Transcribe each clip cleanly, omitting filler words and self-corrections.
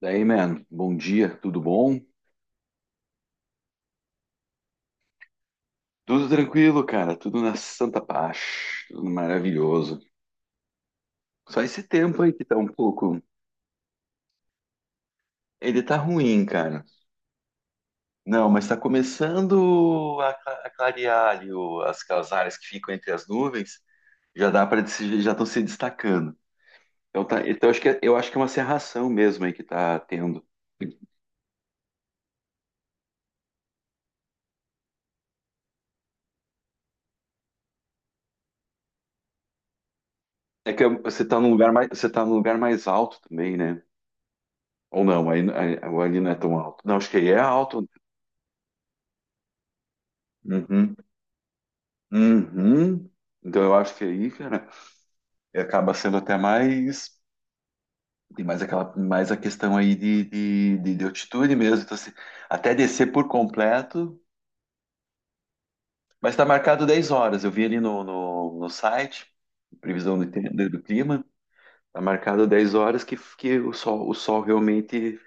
Daí, man, bom dia, tudo bom? Tudo tranquilo, cara, tudo na santa paz, tudo maravilhoso. Só esse tempo aí que tá um pouco. Ele tá ruim, cara. Não, mas tá começando a clarear ali aquelas áreas que ficam entre as nuvens, já dá para já estão se destacando. Então, tá, então acho que eu acho que é uma cerração mesmo aí que tá tendo. É que você tá num lugar mais, você tá num lugar mais alto também, né? Ou não, aí, ali não é tão alto. Não, acho que aí é alto, né? Uhum. Uhum. Então eu acho que aí, cara, acaba sendo até mais. Tem mais aquela, mais a questão aí de altitude mesmo. Então, assim, até descer por completo, mas está marcado 10h. Eu vi ali no site, previsão do tempo, do clima, está marcado 10 horas que o sol realmente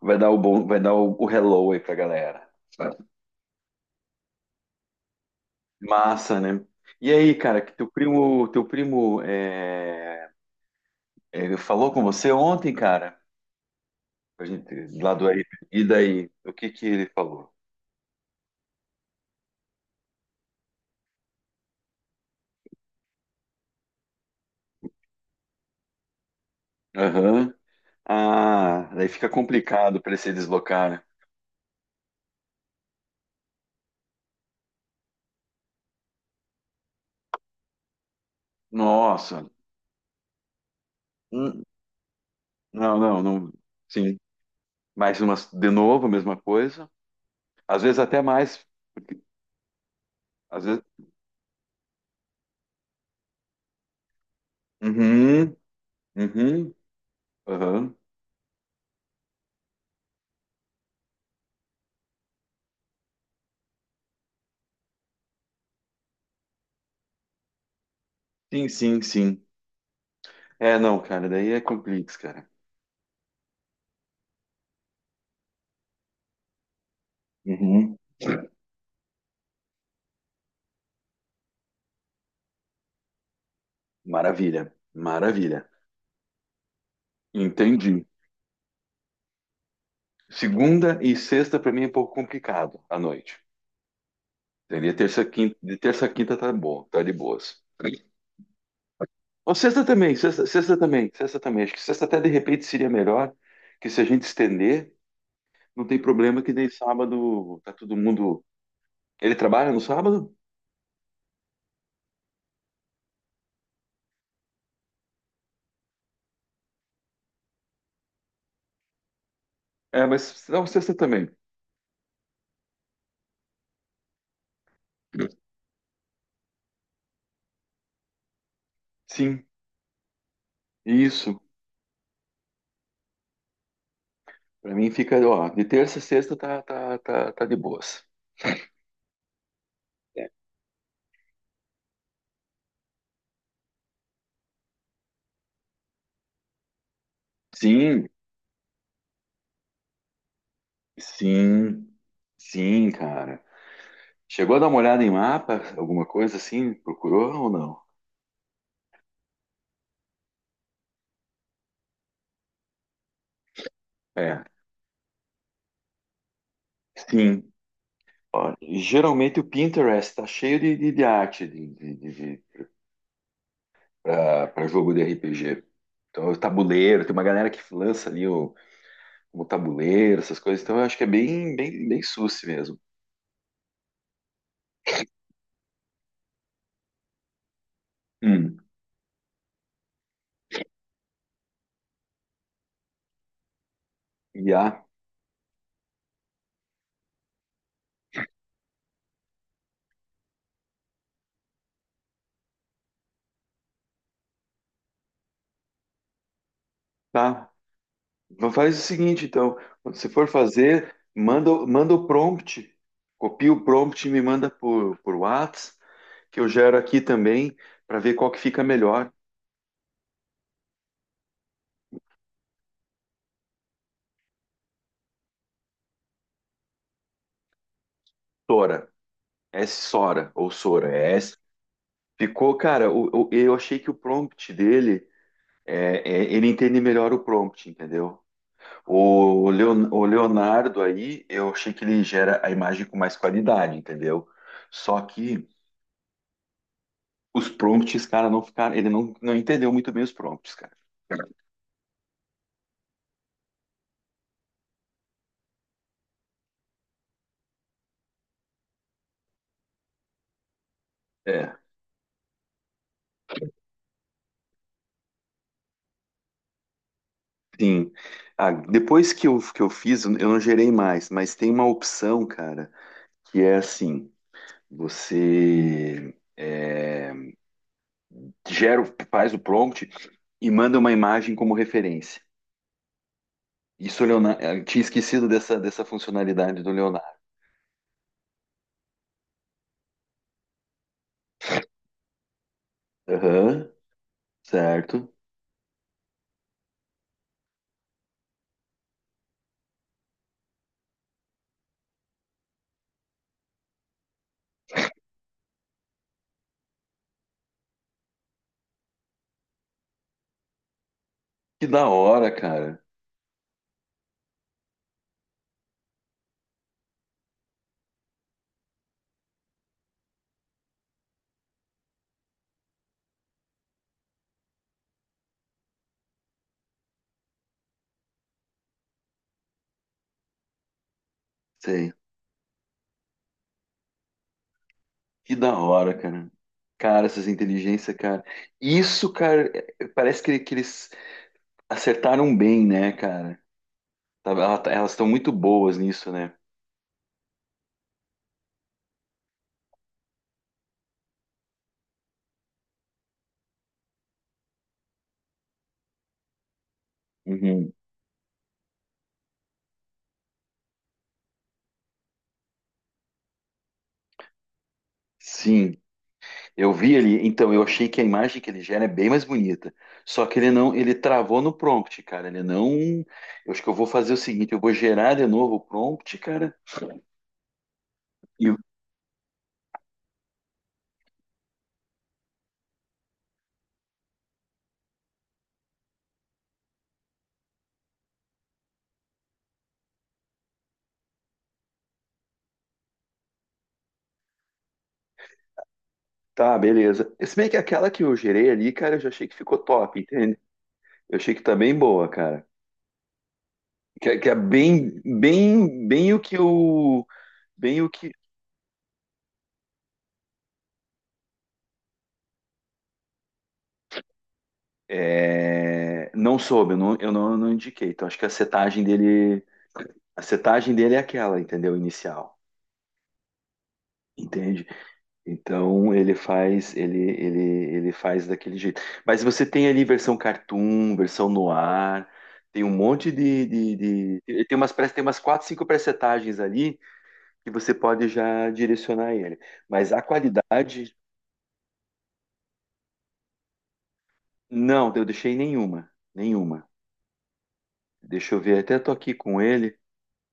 vai dar o bom, vai dar o hello aí pra galera, sabe? Massa, né? E aí, cara, que teu primo, teu primo falou com você ontem, cara? A gente lá do aí. E daí? O que que ele falou? Aham. Ah, daí fica complicado para ele se deslocar, né? Nossa. Hum. Não, não, não. Sim. Mais umas, de novo, a mesma coisa. Às vezes até mais. Porque às vezes. Uhum, uhum, aham. Sim, sim, sim. É, não, cara, daí é complexo, cara. Uhum. Maravilha, maravilha. Entendi. Segunda e sexta para mim é um pouco complicado à noite. Seria terça, quinta. De terça a quinta tá bom, tá de boas. Ou sexta também, sexta também. Acho que sexta até de repente seria melhor, que se a gente estender, não tem problema que nem sábado tá todo mundo. Ele trabalha no sábado? É, mas não, sexta também. Sim, isso. Pra mim fica, ó, de terça a sexta tá, tá, tá, tá de boas. É. Sim, sim, sim, cara. Chegou a dar uma olhada em mapa, alguma coisa assim? Procurou ou não? É, sim. Ó, geralmente o Pinterest tá cheio de arte de, para jogo de RPG. Então, o tabuleiro, tem uma galera que lança ali o tabuleiro, essas coisas. Então, eu acho que é bem, bem, bem susse mesmo. Hum. IA, tá. Faz o seguinte, então. Quando você for fazer, manda, manda o prompt. Copia o prompt e me manda por Whats, que eu gero aqui também, para ver qual que fica melhor. Sora. Sora, ou Sora. É. Ficou, cara, eu achei que o prompt dele é, ele entende melhor o prompt, entendeu? O Leonardo aí, eu achei que ele gera a imagem com mais qualidade, entendeu? Só que os prompts, cara, não ficaram, ele não entendeu muito bem os prompts, cara. É, sim. Ah, depois que eu fiz, eu não gerei mais, mas tem uma opção, cara, que é assim, você... é, gera, faz o prompt e manda uma imagem como referência. Isso, Leonardo, eu tinha esquecido dessa funcionalidade do Leonardo. Aham, certo. Que da hora, cara. Sei. Que da hora, cara. Cara, essas inteligências, cara. Isso, cara, é- parece que eles acertaram bem, né, cara? Elas estão muito boas nisso, né? Uhum. Sim. Eu vi ele, então eu achei que a imagem que ele gera é bem mais bonita. Só que ele não, ele travou no prompt, cara. Ele não. Eu acho que eu vou fazer o seguinte, eu vou gerar de novo o prompt, cara. E tá, beleza. Se bem que aquela que eu gerei ali, cara, eu já achei que ficou top, entende? Eu achei que tá bem boa, cara. Que é bem, bem, bem o que eu, bem o que é, não soube, eu não, eu não indiquei. Então acho que a setagem dele é aquela, entendeu? Inicial, entende? Então ele faz ele faz daquele jeito. Mas você tem ali versão cartoon, versão noir, tem um monte ele tem tem umas quatro, cinco presetagens ali que você pode já direcionar ele. Mas a qualidade, não, eu deixei nenhuma, nenhuma. Deixa eu ver, até tô aqui com ele,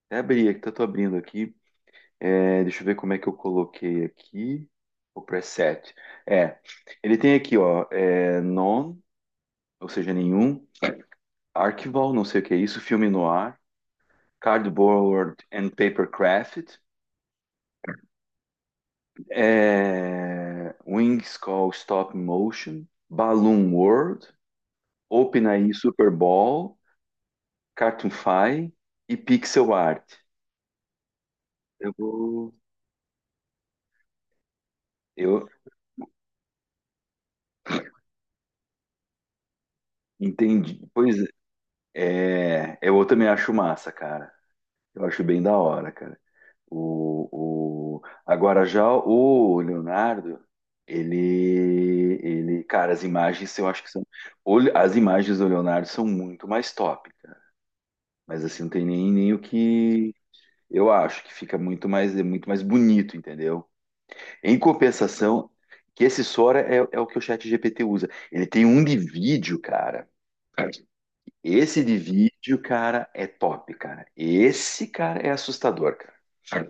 até abri, até tô abrindo aqui. É, deixa eu ver como é que eu coloquei aqui o preset. É, ele tem aqui, ó, é, none, ou seja, nenhum. Archival, não sei o que é isso, filme no ar, Cardboard and Paper Craft, é, Wings Call Stop Motion, Balloon World, OpenAI Super Bowl, Cartoonfy e Pixel Art. Eu vou, eu entendi. Pois é, é, eu também acho massa, cara. Eu acho bem da hora, cara. O... Agora já o Leonardo, cara, as imagens eu acho que são. As imagens do Leonardo são muito mais top, cara. Mas assim, não tem nem, nem o que. Eu acho que fica muito mais, é muito mais bonito, entendeu? Em compensação, que esse Sora é, é o que o chat GPT usa. Ele tem um de vídeo, cara. Esse de vídeo, cara, é top, cara. Esse, cara, é assustador, cara.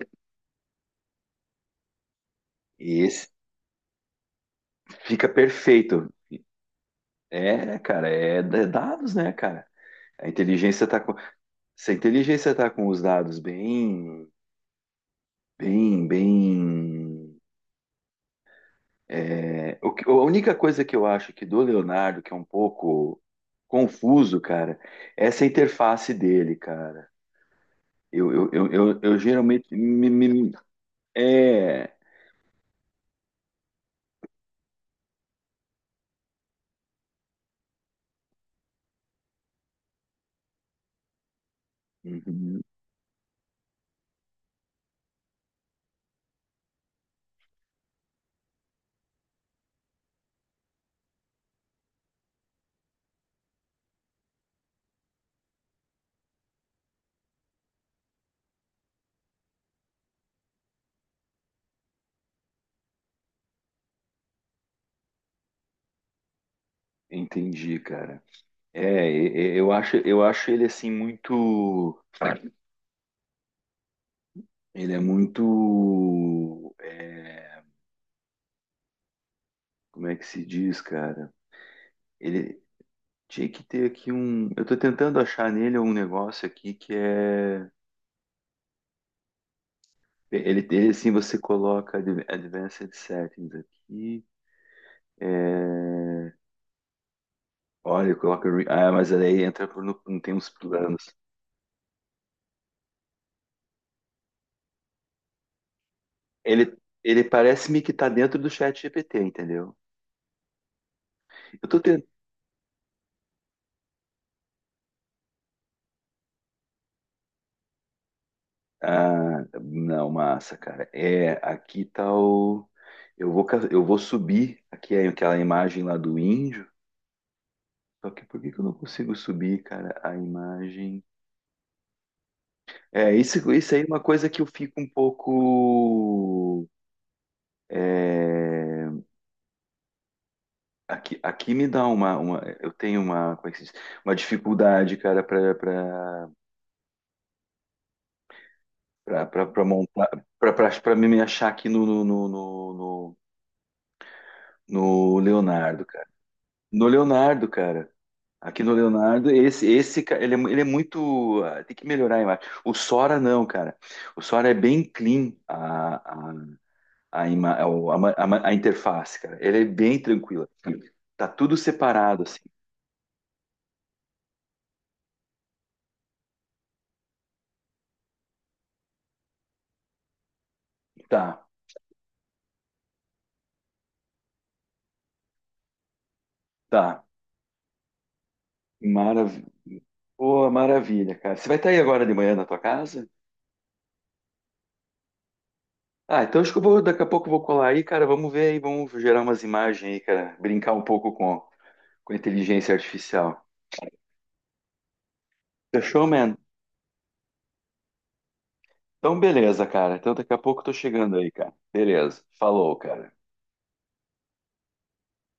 Esse fica perfeito. É, cara, é d- dados, né, cara? A inteligência tá com, se a inteligência tá com os dados bem, bem, bem. É, o que- a única coisa que eu acho que do Leonardo, que é um pouco confuso, cara, é essa interface dele, cara. Eu geralmente é. Uhum, entendi, cara. Eu acho, eu acho ele assim muito. Ele é muito, é, como é que se diz, cara? Ele tinha que ter aqui um. Eu tô tentando achar nele um negócio aqui que é. Ele tem assim, você coloca Advanced Settings aqui. É, olha, coloca. Ah, mas aí entra por no... não tem uns planos. Ele, ele parece-me que tá dentro do chat GPT, entendeu? Eu tô te- Ah, não, massa, cara. É, aqui tá o. Eu vou, eu vou subir aqui é aquela imagem lá do índio. Só que por que que eu não consigo subir, cara, a imagem? É, isso aí é uma coisa que eu fico um pouco. É, aqui, aqui me dá uma, uma. Eu tenho uma, como é que se diz? Uma dificuldade, cara, pra montar. Pra me achar aqui no Leonardo, cara. No Leonardo, cara. Aqui no Leonardo, ele, é, ele é muito. Ah, tem que melhorar a imagem. O Sora, não, cara. O Sora é bem clean a, ima- a, o- a ma- a ma- a interface, cara. Ele é bem tranquila. Tá tudo separado, assim. Tá, tá. Maravilha. Pô, maravilha, cara. Você vai estar aí agora de manhã na tua casa? Ah, então acho que eu vou, daqui a pouco eu vou colar aí, cara. Vamos ver aí, vamos gerar umas imagens aí, cara. Brincar um pouco com a inteligência artificial. Fechou, man? Então, beleza, cara. Então, daqui a pouco eu tô chegando aí, cara. Beleza. Falou, cara.